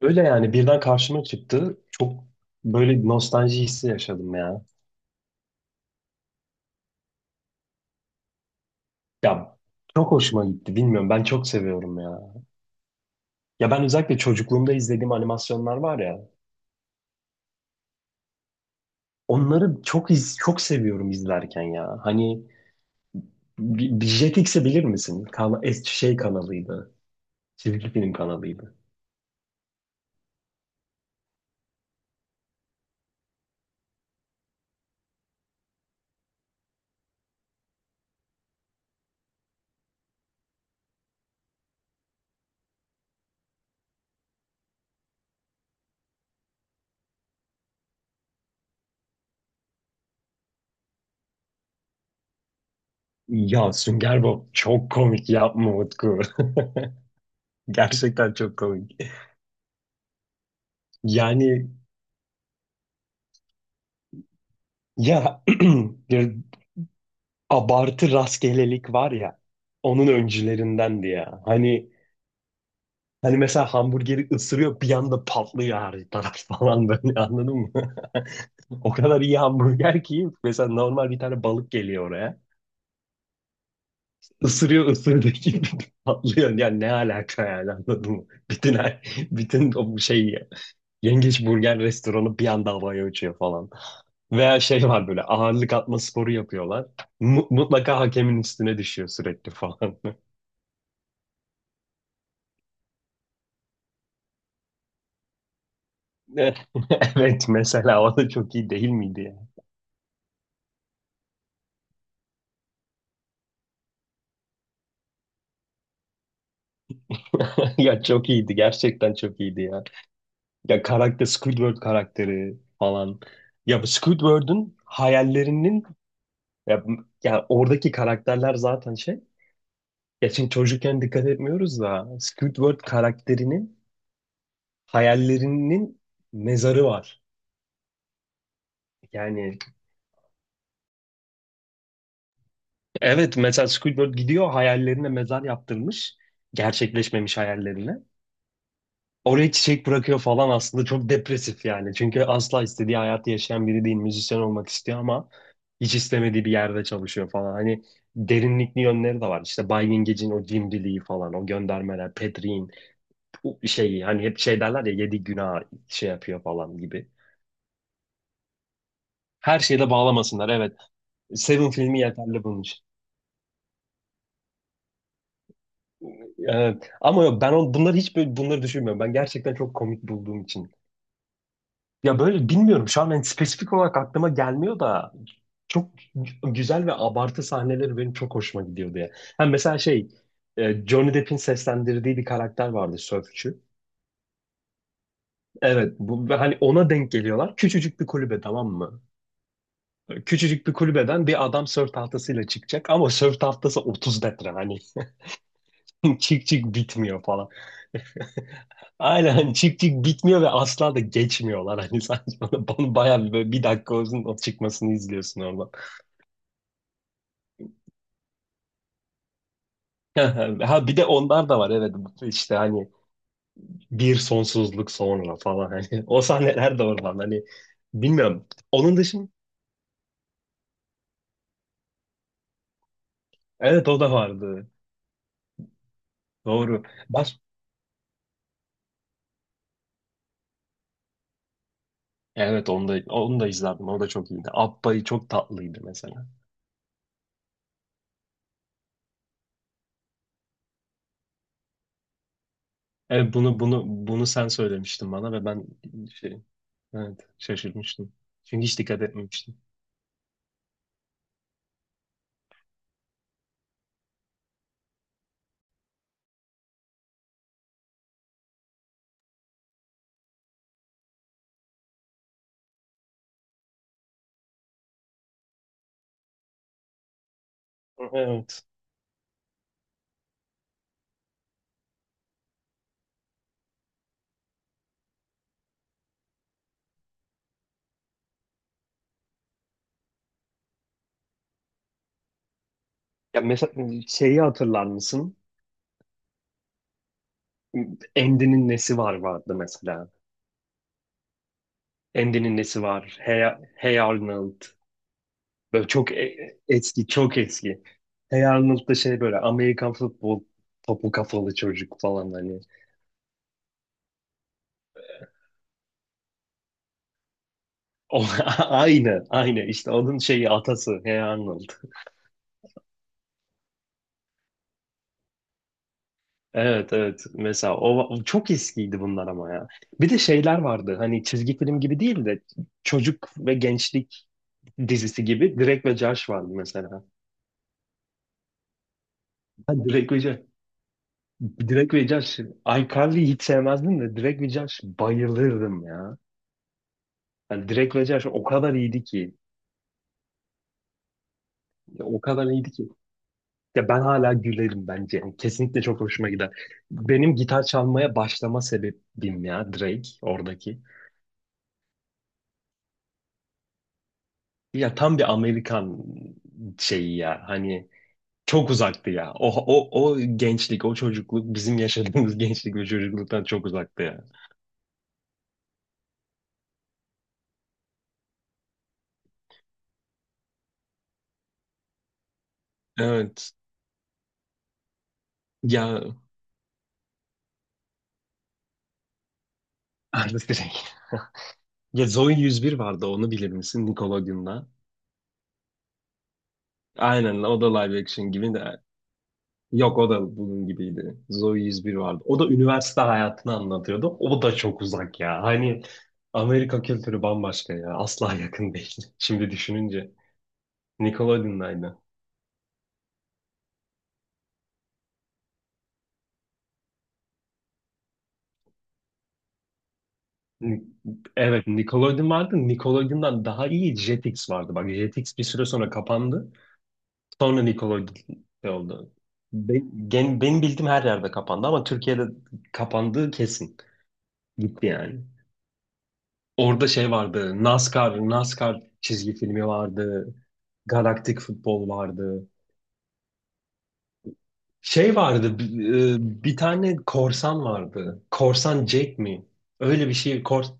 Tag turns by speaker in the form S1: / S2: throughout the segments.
S1: Öyle yani birden karşıma çıktı. Çok böyle bir nostalji hissi yaşadım ya. Ya çok hoşuma gitti. Bilmiyorum ben çok seviyorum ya. Ya ben özellikle çocukluğumda izlediğim animasyonlar var ya. Çok seviyorum izlerken ya. Hani bir Jetix'i bilir misin? Şey kanalıydı. Çizgi film kanalıydı. Ya Sünger Bob çok komik, yapma Utku. Gerçekten çok komik. Yani ya abartı rastgelelik var ya, onun öncülerindendi ya. Hani mesela hamburgeri ısırıyor, bir anda patlıyor her taraf falan, böyle anladın mı? O kadar iyi hamburger ki mesela, normal bir tane balık geliyor oraya. Isırıyor, ısırdığı gibi patlıyor. Yani ne alaka yani, anladın mı? Bütün o şey, yengeç burger restoranı bir anda havaya uçuyor falan. Veya şey var, böyle ağırlık atma sporu yapıyorlar. Mutlaka hakemin üstüne düşüyor sürekli falan. Evet, mesela o da çok iyi değil miydi ya? Ya çok iyiydi, gerçekten çok iyiydi ya. Ya karakter, Squidward karakteri falan. Ya bu Squidward'un hayallerinin ya, ya oradaki karakterler zaten şey. Ya şimdi çocukken dikkat etmiyoruz da Squidward karakterinin hayallerinin mezarı var. Yani evet, mesela Squidward gidiyor, hayallerine mezar yaptırmış. Gerçekleşmemiş hayallerine. Oraya çiçek bırakıyor falan, aslında çok depresif yani. Çünkü asla istediği hayatı yaşayan biri değil. Müzisyen olmak istiyor ama hiç istemediği bir yerde çalışıyor falan. Hani derinlikli yönleri de var. İşte Bay Yengecin o cimriliği falan, o göndermeler, Petri'in bu şey hani hep şey derler ya yedi günah şey yapıyor falan gibi. Her şeyle bağlamasınlar, evet. Seven filmi yeterli bunun için. Evet. Ama yok ben bunları hiç böyle, bunları düşünmüyorum. Ben gerçekten çok komik bulduğum için. Ya böyle bilmiyorum, şu an ben spesifik olarak aklıma gelmiyor da çok güzel ve abartı sahneleri benim çok hoşuma gidiyor diye. Hem mesela şey, Johnny Depp'in seslendirdiği bir karakter vardı, sörfçü. Evet bu, ve hani ona denk geliyorlar. Küçücük bir kulübe, tamam mı? Küçücük bir kulübeden bir adam sörf tahtasıyla çıkacak ama sörf tahtası 30 metre, hani çık çık bitmiyor falan. Aynen, hani çık çık bitmiyor ve asla da geçmiyorlar hani, sanki bana, bana bayağı bir, böyle bir dakika olsun o çıkmasını izliyorsun. Ha bir de onlar da var, evet. Bu işte hani bir sonsuzluk sonra falan hani, o sahneler de oradan hani, bilmiyorum. Onun dışında evet, o da vardı. Doğru. Baş evet, onu da onu da izlerdim. O da çok iyiydi. Abba'yı çok tatlıydı mesela. Evet bunu sen söylemiştin bana ve ben şey, evet şaşırmıştım. Çünkü hiç dikkat etmemiştim. Evet. Ya mesela şeyi hatırlar mısın? Andy'nin nesi var vardı mesela. Endi'nin nesi var? Hey, Hey Arnold. Böyle çok eski, çok eski. Hey Arnold da şey böyle Amerikan futbol topu kafalı çocuk falan hani. O, aynı, aynı. İşte onun şeyi atası Hey Arnold. Evet, evet. Mesela o, o çok eskiydi bunlar ama ya. Bir de şeyler vardı. Hani çizgi film gibi değil de çocuk ve gençlik dizisi gibi, Drake ve Josh vardı mesela. Ha, Drake ve Josh. Drake ve Josh, iCarly'yi hiç sevmezdim de Drake ve Josh bayılırdım ya. Yani Drake ve Josh o kadar iyiydi ki, o kadar iyiydi ki. Ya ben hala gülerim bence. Yani kesinlikle çok hoşuma gider. Benim gitar çalmaya başlama sebebim ya Drake oradaki. Ya tam bir Amerikan şeyi ya. Hani çok uzaktı ya. O, o, o gençlik, o çocukluk bizim yaşadığımız gençlik ve çocukluktan çok uzaktı ya. Evet. Ya artist. Ya Zoey yüz bir vardı, onu bilir misin Nickelodeon'da? Aynen, o da live action gibi de. Yok o da bunun gibiydi. Zoey yüz bir vardı. O da üniversite hayatını anlatıyordu. O da çok uzak ya. Hani Amerika kültürü bambaşka ya. Asla yakın değil. Şimdi düşününce. Nickelodeon'daydı. Ni- Evet Nickelodeon vardı. Nickelodeon'dan daha iyi Jetix vardı. Bak Jetix bir süre sonra kapandı. Sonra Nickelodeon oldu. Benim bildiğim her yerde kapandı, ama Türkiye'de kapandığı kesin. Gitti yani. Orada şey vardı. NASCAR, NASCAR çizgi filmi vardı. Galaktik futbol vardı. Şey vardı. Bir tane korsan vardı. Korsan Jack mi? Öyle bir şey.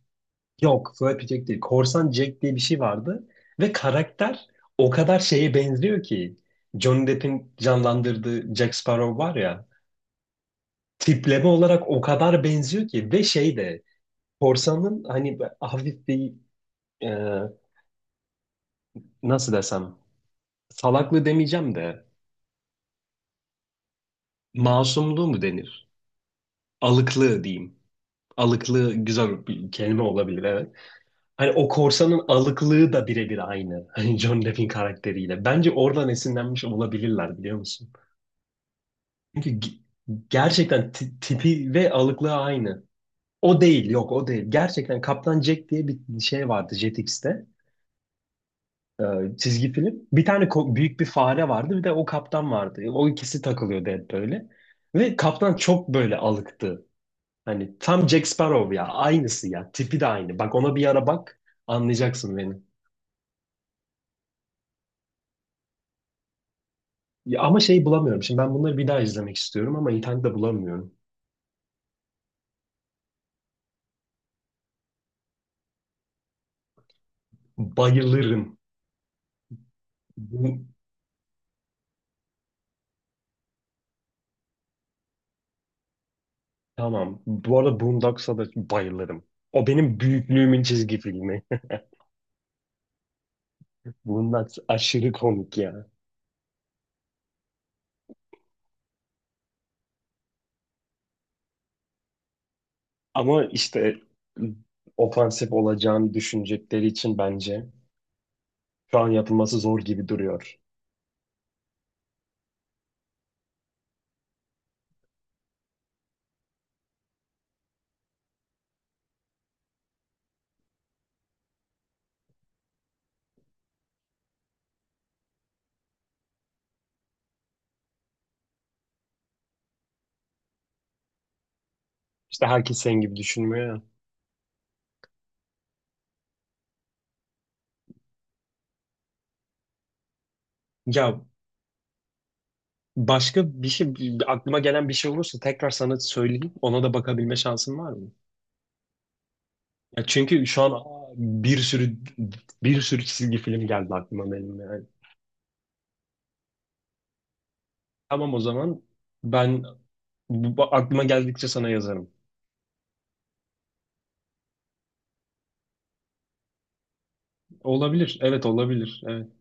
S1: Yok, Flappy Jack değil. Korsan Jack diye bir şey vardı. Ve karakter o kadar şeye benziyor ki. Johnny Depp'in canlandırdığı Jack Sparrow var ya. Tipleme olarak o kadar benziyor ki. Ve şey de. Korsanın hani hafif bir, e, nasıl desem, salaklığı demeyeceğim de masumluğu mu denir? Alıklığı diyeyim. Alıklığı güzel bir kelime olabilir, evet. Hani o korsanın alıklığı da birebir aynı. Hani John Depp'in karakteriyle. Bence oradan esinlenmiş olabilirler, biliyor musun? Çünkü gerçekten tipi ve alıklığı aynı. O değil, yok o değil. Gerçekten Kaptan Jack diye bir şey vardı Jetix'te. e, Çizgi film. Bir tane büyük bir fare vardı, bir de o kaptan vardı. O ikisi takılıyordu hep böyle. Ve kaptan çok böyle alıktı. Hani tam Jack Sparrow ya. Aynısı ya. Tipi de aynı. Bak ona bir ara bak. Anlayacaksın beni. Ya ama şey bulamıyorum. Şimdi ben bunları bir daha izlemek istiyorum ama internette bulamıyorum. Bayılırım. Bu, tamam. Bu arada Boondocks'a da bayılırım. O benim büyüklüğümün çizgi filmi. Boondocks aşırı komik ya. Ama işte ofansif olacağını düşünecekleri için bence şu an yapılması zor gibi duruyor. İşte herkes senin gibi düşünmüyor ya. Ya başka bir şey, aklıma gelen bir şey olursa tekrar sana söyleyeyim. Ona da bakabilme şansın var mı? Ya çünkü şu an bir sürü bir sürü çizgi film geldi aklıma benim yani. Tamam o zaman ben aklıma geldikçe sana yazarım. Olabilir. Evet olabilir. Evet.